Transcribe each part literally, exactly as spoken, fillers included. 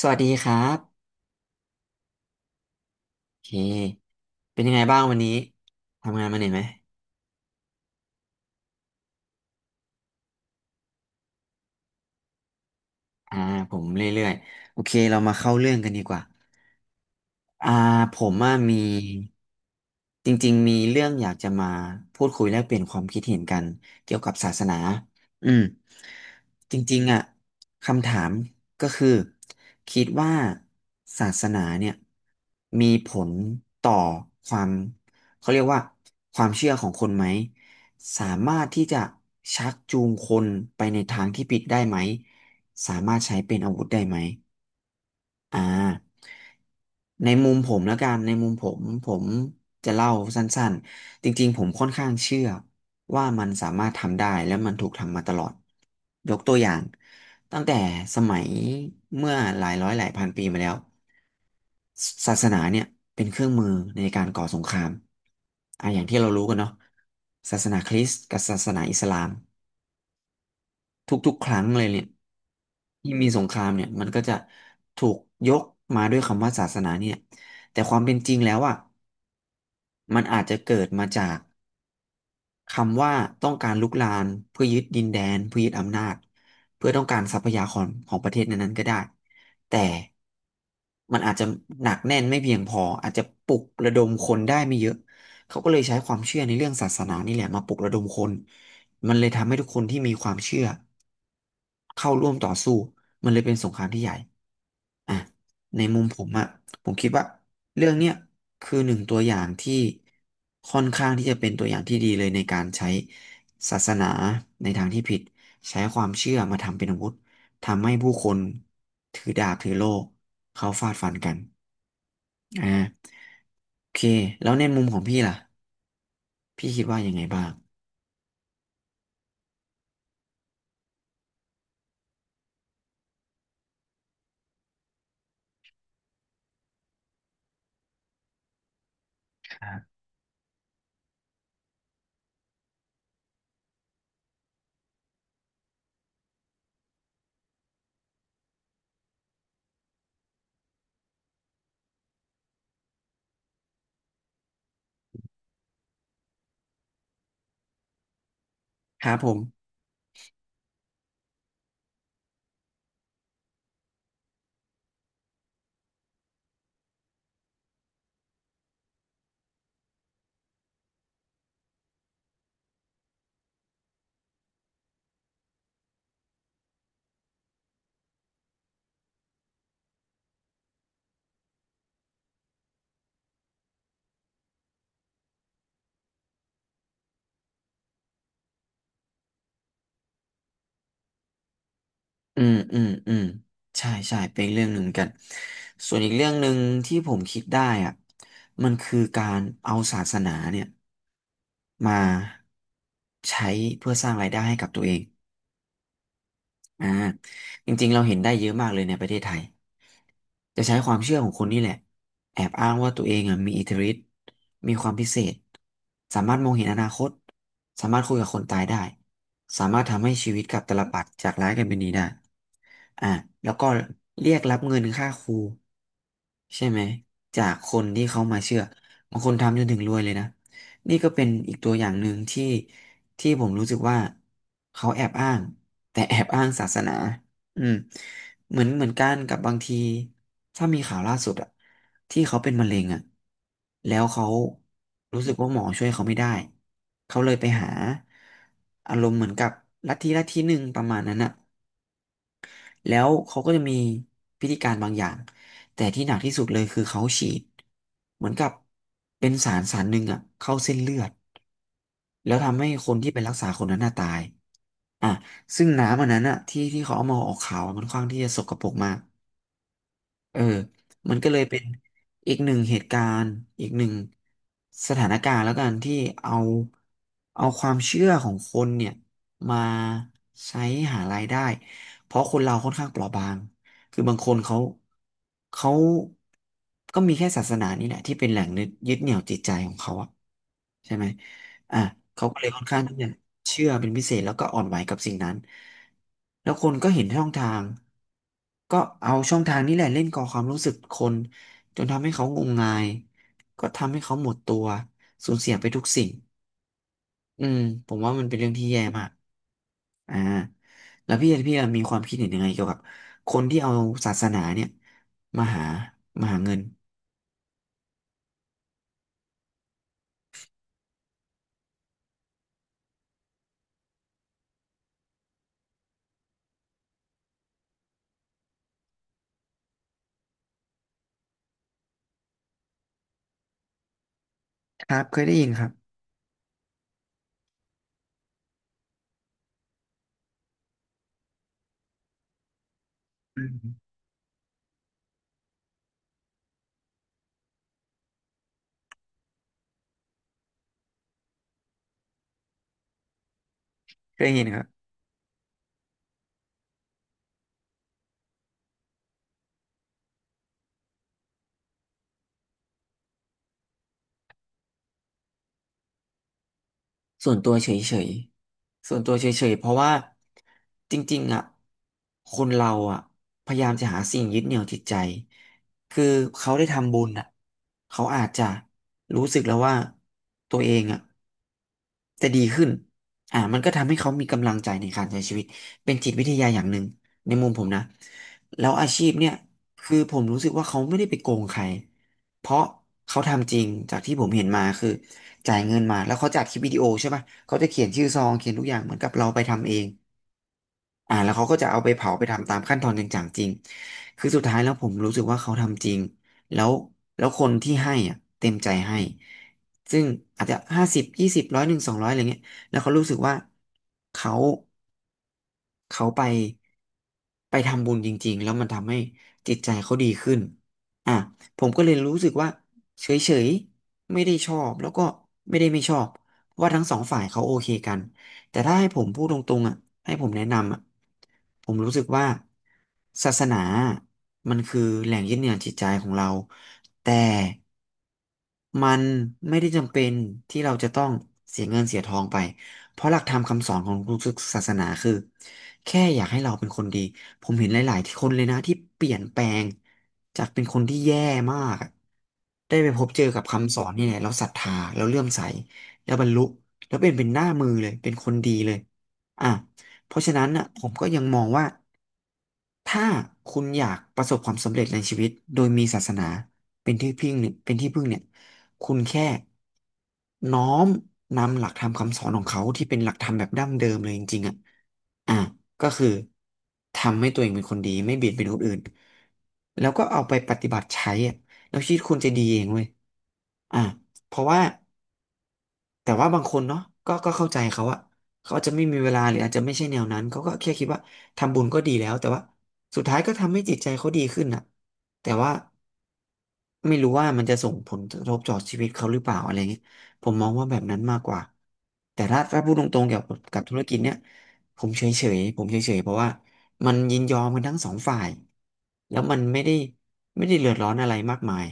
สวัสดีครับโอเคเป็นยังไงบ้างวันนี้ทำงานมาเหนื่อยไหมอ่าผมเรื่อยๆโอเคเรามาเข้าเรื่องกันดีกว่า อ่าผมว่ามีจริงๆมีเรื่องอยากจะมาพูดคุยแลกเปลี่ยนความคิดเห็นกันเกี่ยวกับศาสนาอืมจริงๆอ่ะคำถามก็คือคิดว่าศาสนาเนี่ยมีผลต่อความเขาเรียกว่าความเชื่อของคนไหมสามารถที่จะชักจูงคนไปในทางที่ผิดได้ไหมสามารถใช้เป็นอาวุธได้ไหม อ่าในมุมผมแล้วกันในมุมผมผมจะเล่าสั้นๆจริงๆผมค่อนข้างเชื่อว่ามันสามารถทำได้และมันถูกทำมาตลอดยกตัวอย่างตั้งแต่สมัยเมื่อหลายร้อยหลายพันปีมาแล้วศาสนาเนี่ยเป็นเครื่องมือในการก่อสงครามอ่ะอย่างที่เรารู้กันเนาะศาสนาคริสต์กับศาสนาอิสลาม ทุกๆ ครั้งเลยเนี่ยที่มีสงครามเนี่ยมันก็จะถูกยกมาด้วยคำว่าศาสนาเนี่ยแต่ความเป็นจริงแล้วอ่ะมันอาจจะเกิดมาจาก คำว่าต้องการลุกลามเพื่อยึดดินแดนเพื่อยึดอำนาจเพื่อต้องการทรัพยากรของประเทศนั้นๆก็ได้แต่มันอาจจะหนักแน่นไม่เพียงพออาจจะปลุกระดมคนได้ไม่เยอะเขาก็เลยใช้ความเชื่อในเรื่องศาสนานี่แหละมาปลุกระดมคนมันเลยทำให้ทุกคนที่มีความเชื่อเข้าร่วมต่อสู้มันเลยเป็นสงครามที่ใหญ่อ่ะในมุมผมอะผมคิดว่า เรื่องเนี้ยคือหนึ่งตัวอย่างที่ค่อนข้างที่จะเป็นตัวอย่างที่ดีเลยในการใช้ศาสนาในทางที่ผิดใช้ความเชื่อมาทำเป็นอาวุธทำให้ผู้คนถือดาบถือโล่เขาฟาดฟันกันอ่าโอเคแล้วในมุมของพี่ล่ะพี่คิดว่ายังไงบ้างครับครับผม อืมอืมอืมใช่ใช่เป็นอีกเรื่องหนึ่งเหมือนกันส่วนอีกเรื่องหนึ่งที่ผมคิดได้อ่ะมันคือการเอาศาสนาเนี่ยมาใช้เพื่อสร้างรายได้ให้กับตัวเอง อ่าจริงๆเราเห็นได้เยอะมากเลยในประเทศไทยจะใช้ความเชื่อของคนนี่แหละแอบอ้างว่าตัวเองอ่ะมีอิทธิฤทธิ์มีความพิเศษสามารถมองเห็นอนาคตสามารถคุยกับคนตายได้สามารถทำให้ชีวิตกลับตาลปัตรจากร้ายกลายเป็นดีได้อ่าแล้วก็เรียกรับเงินค่าครูใช่ไหมจากคนที่เขามาเชื่อบางคนทำจนถึงรวยเลยนะนี่ก็เป็นอีกตัวอย่างหนึ่งที่ที่ผมรู้สึกว่าเขาแอบอ้าง แต่แอบอ้างศาสนาอืมเหมือนเหมือนกันกับบางทีถ้ามีข่าวล่าสุดอะที่เขาเป็นมะเร็งอะแล้วเขารู้สึกว่าหมอช่วยเขาไม่ได้เขาเลยไปหาอารมณ์เหมือนกับลัทธิลัทธิหนึ่งประมาณนั้นอะแล้วเขาก็จะมีพิธีการบางอย่างแต่ที่หนักที่สุดเลยคือเขาฉีดเหมือนกับเป็นสารสารหนึ่งอะเข้าเส้นเลือดแล้วทำให้คนที่ไปรักษาคนนั้นน่ะตาย อ่ะซึ่งน้ำอันนั้นอะที่ที่เขาเอามาออกข่าวอะมันค่อนข้างที่จะสกปรกมากเออมันก็เลยเป็นอีกหนึ่งเหตุการณ์อีกหนึ่งสถานการณ์แล้วกันที่เอาเอาความเชื่อของคนเนี่ยมาใช้หารายได้เพราะคนเราค่อนข้างเปราะบางคือบางคนเขาเขาก็มีแค่ศาสนานี่แหละที่เป็นแหล่งยึดเหนี่ยวจิตใจของเขาอะใช่ไหม อ่ะเขาก็เลยค่อนข้างที่จะเชื่อเป็นพิเศษแล้วก็อ่อนไหวกับสิ่งนั้นแล้วคนก็เห็นช่องทางก็เอาช่องทางนี้แหละเล่นก่อความรู้สึกคนจนทำให้เขางมงายก็ทำให้เขาหมดตัวสูญเสียไปทุกสิ่งอืมผมว่ามันเป็นเรื่องที่แย่มากอ่าแล้วพี่พี่มีความคิดเห็นยังไงเกี่ยวกับคนที่เอาศาสนาเนี่ยมาหามาหาเงินครับเคยได้ยินครับอืมเคยได้ยินครับ ส่วนตัวเฉยๆส่วนตัวเฉยๆ เพราะว่าจริงๆอ่ะคนเราอ่ะพยายามจะหาสิ่งยึดเหนี่ยวจิตใจคือเขาได้ทำบุญอ่ะเขาอาจจะรู้สึกแล้วว่าตัวเองอ่ะจะดีขึ้นอ่ามันก็ทำให้เขามีกำลังใจในการใช้ชีวิตเป็นจิตวิทยาอย่างหนึ่งในมุมผมนะแล้วอาชีพเนี่ยคือผมรู้สึกว่าเขาไม่ได้ไปโกงใครเพราะเขาทำจริงจากที่ผมเห็นมาคือ จ่ายเงินมาแล้วเขาจัดคลิปวิดีโอใช่ป่ะเขาจะเขียนชื่อซองเขียนทุกอย่างเหมือนกับเราไปทำเอง อ่าแล้วเขาก็จะเอาไปเผาไปทำตามขั้นตอนจริงจังจริงคือสุดท้ายแล้วผมรู้สึกว่าเขาทำจริงแล้วแล้วคนที่ให้อ่ะเต็มใจให้ซึ่งอาจจะห้าสิบยี่สิบร้อยหนึ่งสองร้อยอะไรเงี้ยแล้วเขารู้สึกว่าเขาเขาไปไปทำบุญจริงๆแล้วมันทำให้จิตใจเขาดีขึ้นอ่ะผมก็เลยรู้สึกว่าเฉยๆไม่ได้ชอบแล้วก็ไม่ได้ไม่ชอบเพราะว่าทั้งสองฝ่ายเขาโอเคกัน แต่ถ้าให้ผมพูดตรงๆอ่ะให้ผมแนะนำอ่ะผมรู้สึกว่าศาสนา มันคือแหล่งยึดเหนี่ยวจิตใจของเราแต่มันไม่ได้จำเป็นที่เราจะต้องเสียเงินเสียทองไปเพราะหลักธรรมคำสอนของทุกศาสนาคือแค่อยากให้เราเป็นคนดี ผมเห็นหลายๆที่คนเลยนะที่เปลี่ยนแปลงจากเป็นคนที่แย่มากอะได้ไปพบเจอกับคำสอนนี่แหละเราศรัทธาเราเลื่อมใสแล้วบรรลุ แล้วเป็นเป็นหน้ามือเลย เป็นคนดีเลยอ่ะเพราะฉะนั้นน่ะผมก็ยังมองว่าถ้าคุณอยากประสบความสำเร็จในชีวิตโดยมีศาสนาเป็นที่พึ่งเนี่ยเป็นที่พึ่งเนี่ยคุณแค่น้อมนำหลักธรรมคำสอนของเขาที่เป็นหลักธรรมแบบดั้งเดิมเลยจริงๆอ่ะอ่ะก็คือทำให้ตัวเองเป็นคนดีไม่เบียดเบียนคนอื่นแล้วก็เอาไปปฏิบัติใช้อ่ะแล้วชีวิตคุณจะดีเองเว้ยอ่ะเพราะว่า แต่ว่าบางคนเนาะก็ก็เข้าใจเขาอะเขาอาจจะไม่มีเวลาหรืออาจจะไม่ใช่แนวนั้นเขาก็แค่คิดว่าทำบุญก็ดีแล้วแต่ว่าสุดท้ายก็ทำให้จิตใจเขาดีขึ้นอะแต่ว่าไม่รู้ว่ามันจะส่งผลกระทบต่อชีวิตเขาหรือเปล่าอะไรเงี้ยผมมองว่าแบบนั้นมากกว่าแต่ถ้าถ้าพูดตรงๆเกี่ยวกับกับธุรกิจเนี่ยผมเฉยๆผมเฉยๆเพราะว่ามันยินยอมกันทั้งสองฝ่ายแล้วมันไม่ได้ไม่ได้เดือดร้อนอะไรมากมาย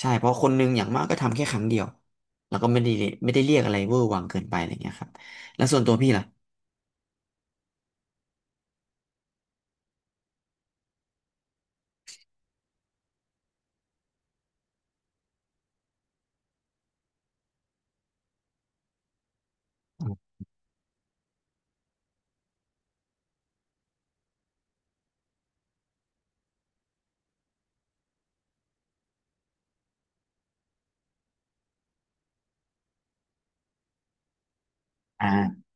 ใช่เพราะคนหนึงอย่างมากก็ทำแค่ครั้งเดียว แล้วก็ไม่ได้ไม่ได้เรียกอะไรเวอร์วังเกินไปอะไรเงี้ยครับแล้วส่วนตัวพี่ล่ะอ่า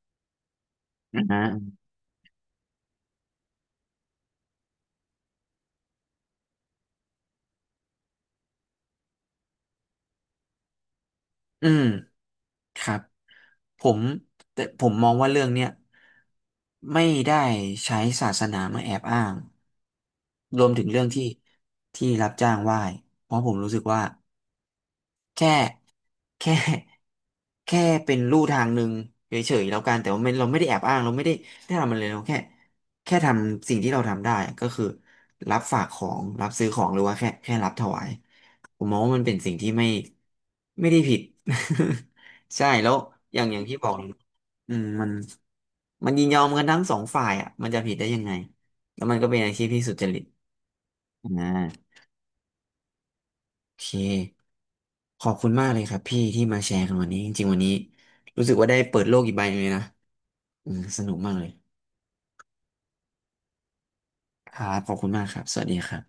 อ่าอืมครับผมแต่ผมมองว่าเรื่องเนี้ยไม่ได้ใช้ศาสนามาแอบอ้างรวมถึงเรื่องที่ที่รับจ้างไหว้เพราะผมรู้สึกว่า แค่แค่แค่เป็นลู่ทางหนึ่งเฉยๆแล้วกันแต่ว่าไม่เราไม่ได้แอบอ้างเราไม่ได้ได้ทำอะไรเลยเราแค่แค่ทำสิ่งที่เราทำได้ก็คือรับฝากของรับซื้อของหรือว่าแค่แค่รับถวายผมมองว่ามันเป็นสิ่งที่ไม่ไม่ได้ผิด ใช่แล้วอย่างอย่างที่บอกเลยอืมมันมันยินยอมกันทั้งสองฝ่ายอ่ะมันจะผิดได้ยังไงแล้วมันก็เป็นอาชีพที่สุจริตอ่า โอเค ขอบคุณมากเลยครับพี่ที่มาแชร์กันวันนี้จริงๆวันนี้รู้สึกว่าได้เปิดโลกอีกใบหนึงเลยนะอืมสนุกมากเลยครับขอบคุณมากครับสวัสดีครับ